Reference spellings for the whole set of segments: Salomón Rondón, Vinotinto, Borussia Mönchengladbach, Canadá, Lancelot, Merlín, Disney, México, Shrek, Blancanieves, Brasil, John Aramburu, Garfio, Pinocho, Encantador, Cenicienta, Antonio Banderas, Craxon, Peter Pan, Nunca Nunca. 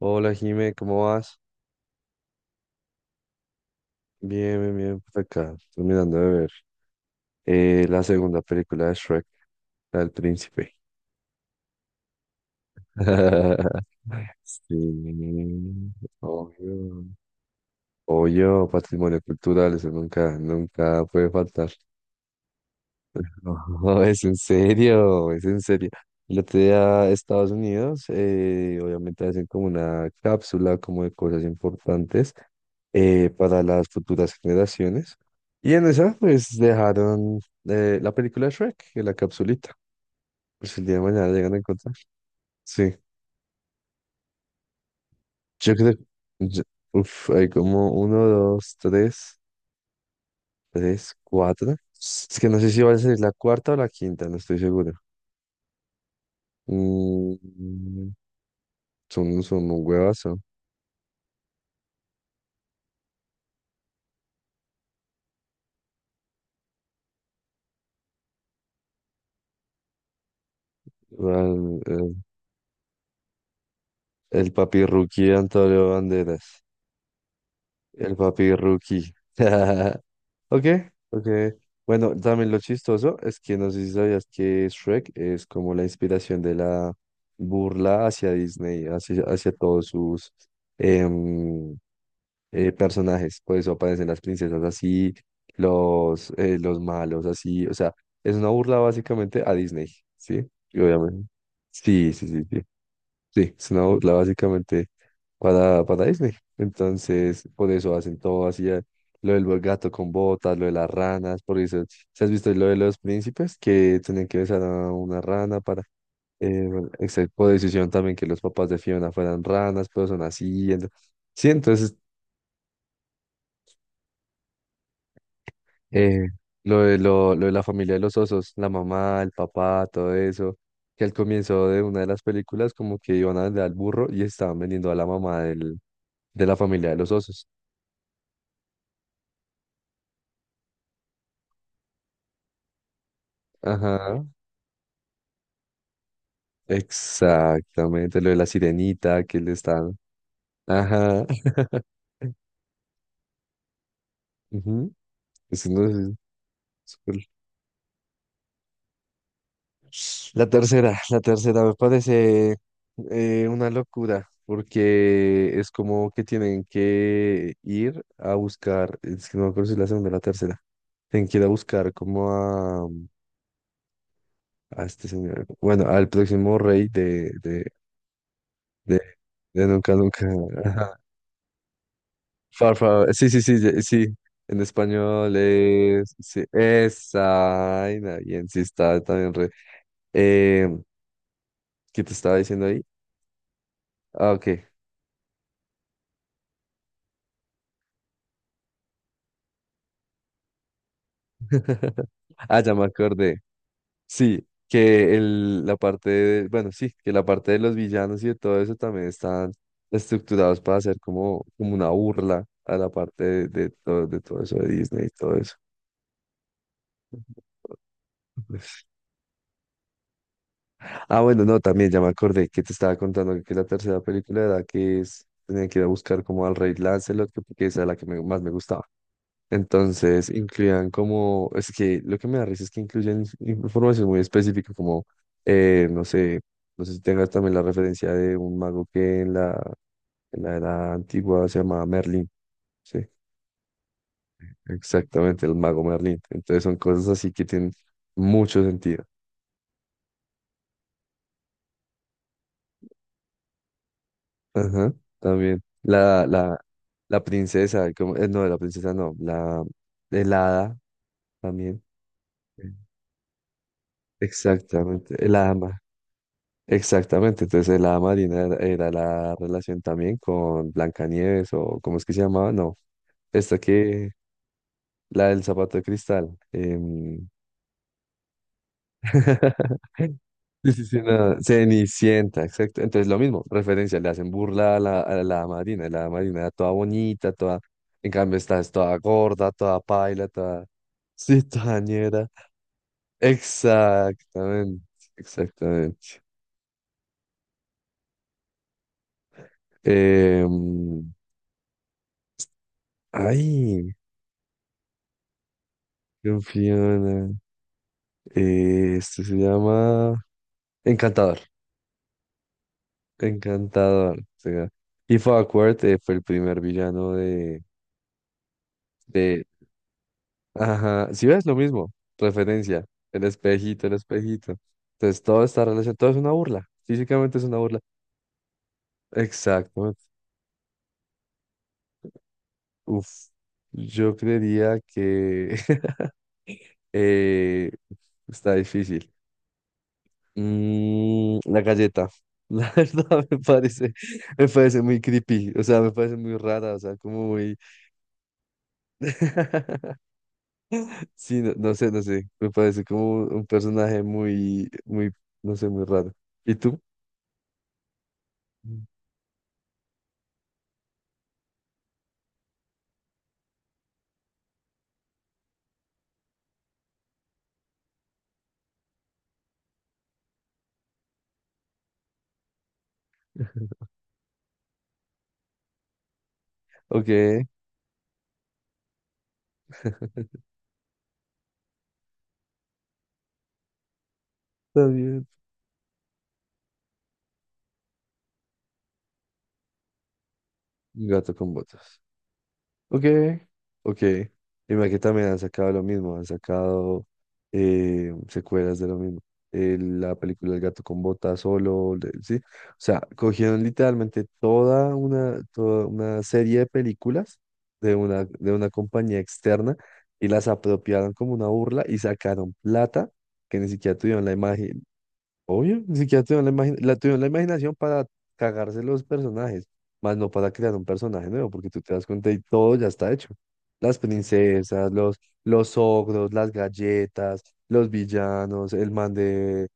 Hola Jime, ¿cómo vas? Bien, bien, bien, por acá, terminando de ver la segunda película de Shrek, la del príncipe. Sí, obvio. Obvio, patrimonio cultural, eso nunca, nunca puede faltar. No, es en serio, es en serio. El otro día a Estados Unidos, obviamente hacen como una cápsula como de cosas importantes para las futuras generaciones. Y en esa, pues dejaron la película de Shrek en la capsulita. Pues el día de mañana llegan a encontrar. Sí, yo creo. yo- Uf, hay como uno, dos, tres, tres, cuatro. Es que no sé si va a ser la cuarta o la quinta, no estoy seguro. Mm, son un huevazo. O sea, el papi rookie de Antonio Banderas. El papi rookie. Ok, ok. Bueno, también lo chistoso es que no sé si sabías que Shrek es como la inspiración de la burla hacia Disney, hacia, hacia todos sus em, personajes. Por eso aparecen las princesas así, los malos así. O sea, es una burla básicamente a Disney, ¿sí? Y obviamente. Sí, sí, sí, sí. Sí, es una burla básicamente para Disney. Entonces, por eso hacen todo así, lo del gato con botas, lo de las ranas, por eso, ¿si has visto lo de los príncipes que tenían que besar a una rana para, eh, excepto por decisión también que los papás de Fiona fueran ranas, pero son así? Sí, entonces, eh, lo de la familia de los osos, la mamá, el papá, todo eso, que al comienzo de una de las películas como que iban a vender al burro y estaban vendiendo a la mamá del de la familia de los osos. Ajá, exactamente. Lo de la sirenita que le están. Ajá. Ujú, eso no es- uno- es súper- la tercera, la tercera me parece una locura, porque es como que tienen que ir a buscar, es que no me acuerdo si es la segunda o la tercera, tienen que ir a buscar como a este señor, bueno, al próximo rey de, de, de Nunca Nunca, sí, sí, sí, sí. En español es, sí, esa, ay, bien, sí está también re. Eh, ¿Qué te estaba diciendo ahí? Ah, ok. Ah, ya me acordé. Sí, que el, la parte de, bueno, sí, que la parte de los villanos y de todo eso también están estructurados para hacer como, como una burla a la parte de, de todo eso de Disney y todo eso. Ah, bueno, no, también ya me acordé que te estaba contando que la tercera película era que es, tenía que ir a buscar como al rey Lancelot, que porque esa era la que más me gustaba. Entonces, incluían como, es que lo que me da risa es que incluyen información muy específica, como, no sé, no sé si tengas también la referencia de un mago que en la era antigua se llamaba Merlín, sí, exactamente, el mago Merlín. Entonces, son cosas así que tienen mucho sentido. Ajá, también. La princesa, no, la princesa no, la, el hada también. Sí. Exactamente, el hada, exactamente. Entonces, el hada marina era la relación también con Blancanieves o, ¿cómo es que se llamaba? No, esta que, la del zapato de cristal. Sí, sí, sí, no, Cenicienta, exacto. Entonces, lo mismo, referencia, le hacen burla a la Marina, y la Marina era toda bonita, toda. En cambio, esta es toda gorda, toda paila, toda. Sí, toda ñera. Exactamente, exactamente. Em, ay, qué Fiona. Esto se llama Encantador. Encantador. O sea, If Awkward fue el primer villano de, ajá, si ves lo mismo, referencia, el espejito, el espejito. Entonces todo está relacionado, todo es una burla, físicamente es una burla. Exactamente. Uf, yo creería que eh, está difícil. La galleta, la verdad me parece muy creepy, o sea, me parece muy rara, o sea, como muy... Sí, no, no sé, me parece como un personaje muy, muy, no sé, muy raro. ¿Y tú? Ok, está bien. Gato con botas. Ok, ok. Y mira que también han sacado lo mismo, han sacado secuelas de lo mismo. La película El gato con botas solo, ¿sí? O sea, cogieron literalmente toda una serie de películas de una compañía externa y las apropiaron como una burla y sacaron plata que ni siquiera tuvieron la imagen. Obvio, ni siquiera tuvieron la imaginación para cagarse los personajes, más no para crear un personaje nuevo, porque tú te das cuenta y todo ya está hecho. Las princesas, los ogros, las galletas, los villanos, el man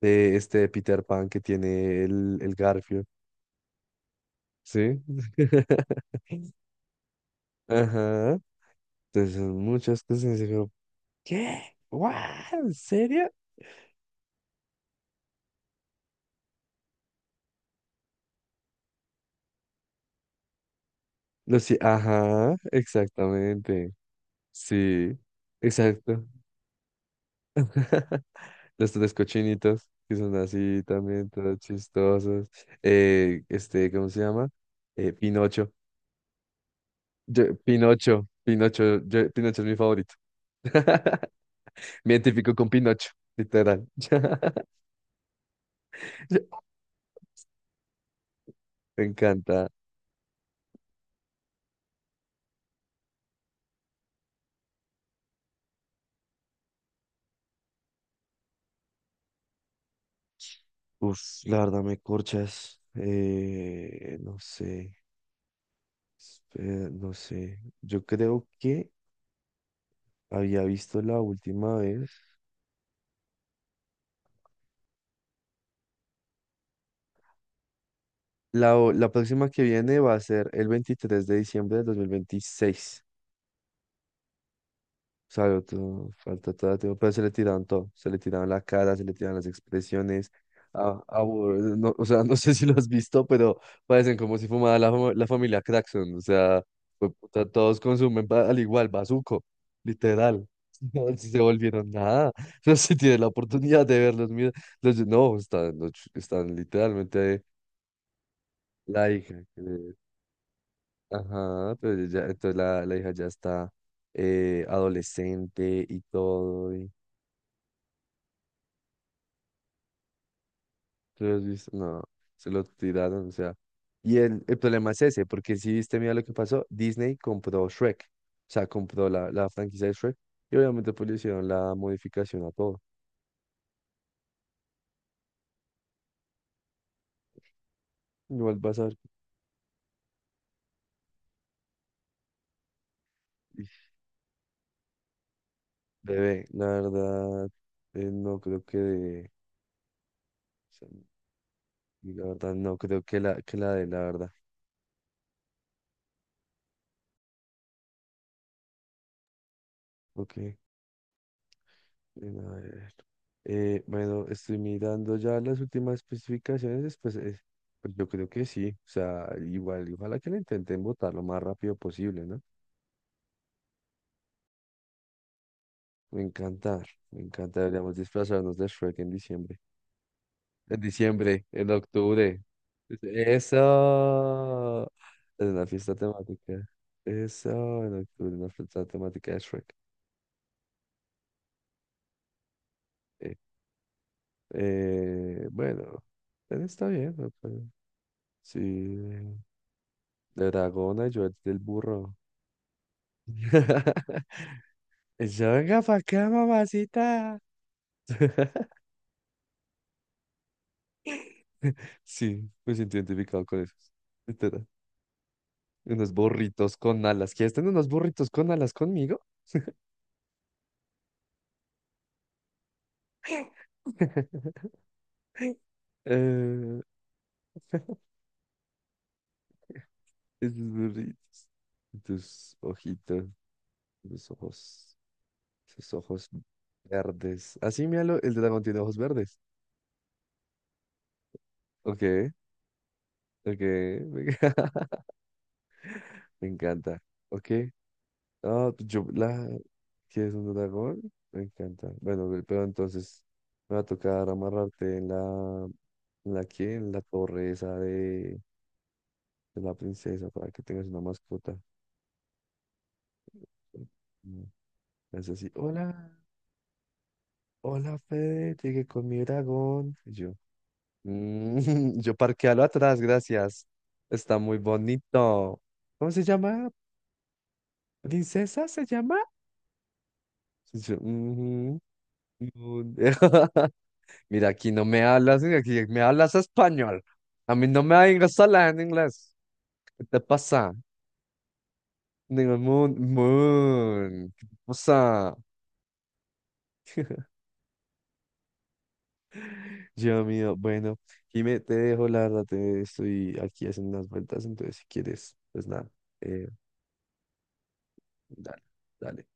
de este de Peter Pan que tiene el Garfio, ¿sí? Ajá. Entonces son muchas cosas y digo, ¿qué? ¿What? ¿En serio? No, sí, ajá, exactamente. Sí, exacto. Las tres cochinitas, que son así también, todas chistosas. Este, ¿cómo se llama? Pinocho. Pinocho, Pinocho, Pinocho es mi favorito. Me identifico con Pinocho, literal. Me encanta. Uf, la verdad me corchas. No sé, espera, no sé. Yo creo que había visto la última vez. La próxima que viene va a ser el 23 de diciembre de 2026. Claro, todo, falta todo, todo, pero se le tiraban todo, se le tiraban la cara, se le tiraban las expresiones, no, o sea, no sé si lo has visto, pero parecen como si fumara la, la familia Craxon, o sea, fue puta, todos consumen al igual, bazuco, literal, no, si se volvieron nada, no sé si tienes la oportunidad de verlos, mira, los, no, están, los están literalmente la hija, ajá, pero ya, entonces la hija ya está adolescente y todo. ¿Tú lo has visto? No, se lo tiraron, o sea. Y el problema es ese, porque si viste, mira lo que pasó, Disney compró Shrek, o sea, compró la, la franquicia de Shrek, y obviamente pues le hicieron la modificación a todo. Igual vas a ver, y, bebé, la verdad, no creo que de, o sea, la verdad, no creo que la de la verdad, ok. Bueno, a ver. Bueno, estoy mirando ya las últimas especificaciones, pues, pues yo creo que sí. O sea, igual, ojalá que lo intenten votar lo más rápido posible, ¿no? Me encanta, me encanta. Deberíamos disfrazarnos de Shrek en diciembre. En diciembre, en octubre. Eso. En una fiesta temática. Eso, en octubre, una fiesta temática de Shrek. Eh, bueno, está bien. ¿No? Pero sí. Dragona, yo el del burro. Eso, venga para acá, mamacita. Sí, me siento identificado con eso. Literal. Unos burritos con alas. ¿Quieres tener unos burritos con alas conmigo? Eh, esos burritos. Tus ojitos, tus ojos, tus ojos verdes. Así, míralo, el dragón tiene ojos verdes. Ok, ok. Me encanta. Ok. Ah, pues yo, la que es un dragón, me encanta. Bueno, pero entonces me va a tocar amarrarte en la que, en la torre esa de la princesa para que tengas una mascota. Mm, Es así, hola, hola Fede, llegué con mi dragón. Y yo, "Mm, yo parquealo atrás, gracias." Está muy bonito. ¿Cómo se llama? ¿Princesa se llama? Y yo, "Ujú". Mira, aquí no me hablas, aquí me hablas español. A mí no me vengas a hablar en inglés. ¿Qué te pasa? Digo, moon, moon. ¿Qué te pasa? Dios mío, bueno, Jimé, te dejo, la verdad, te estoy aquí haciendo unas vueltas, entonces si quieres, pues nada, eh, dale, dale.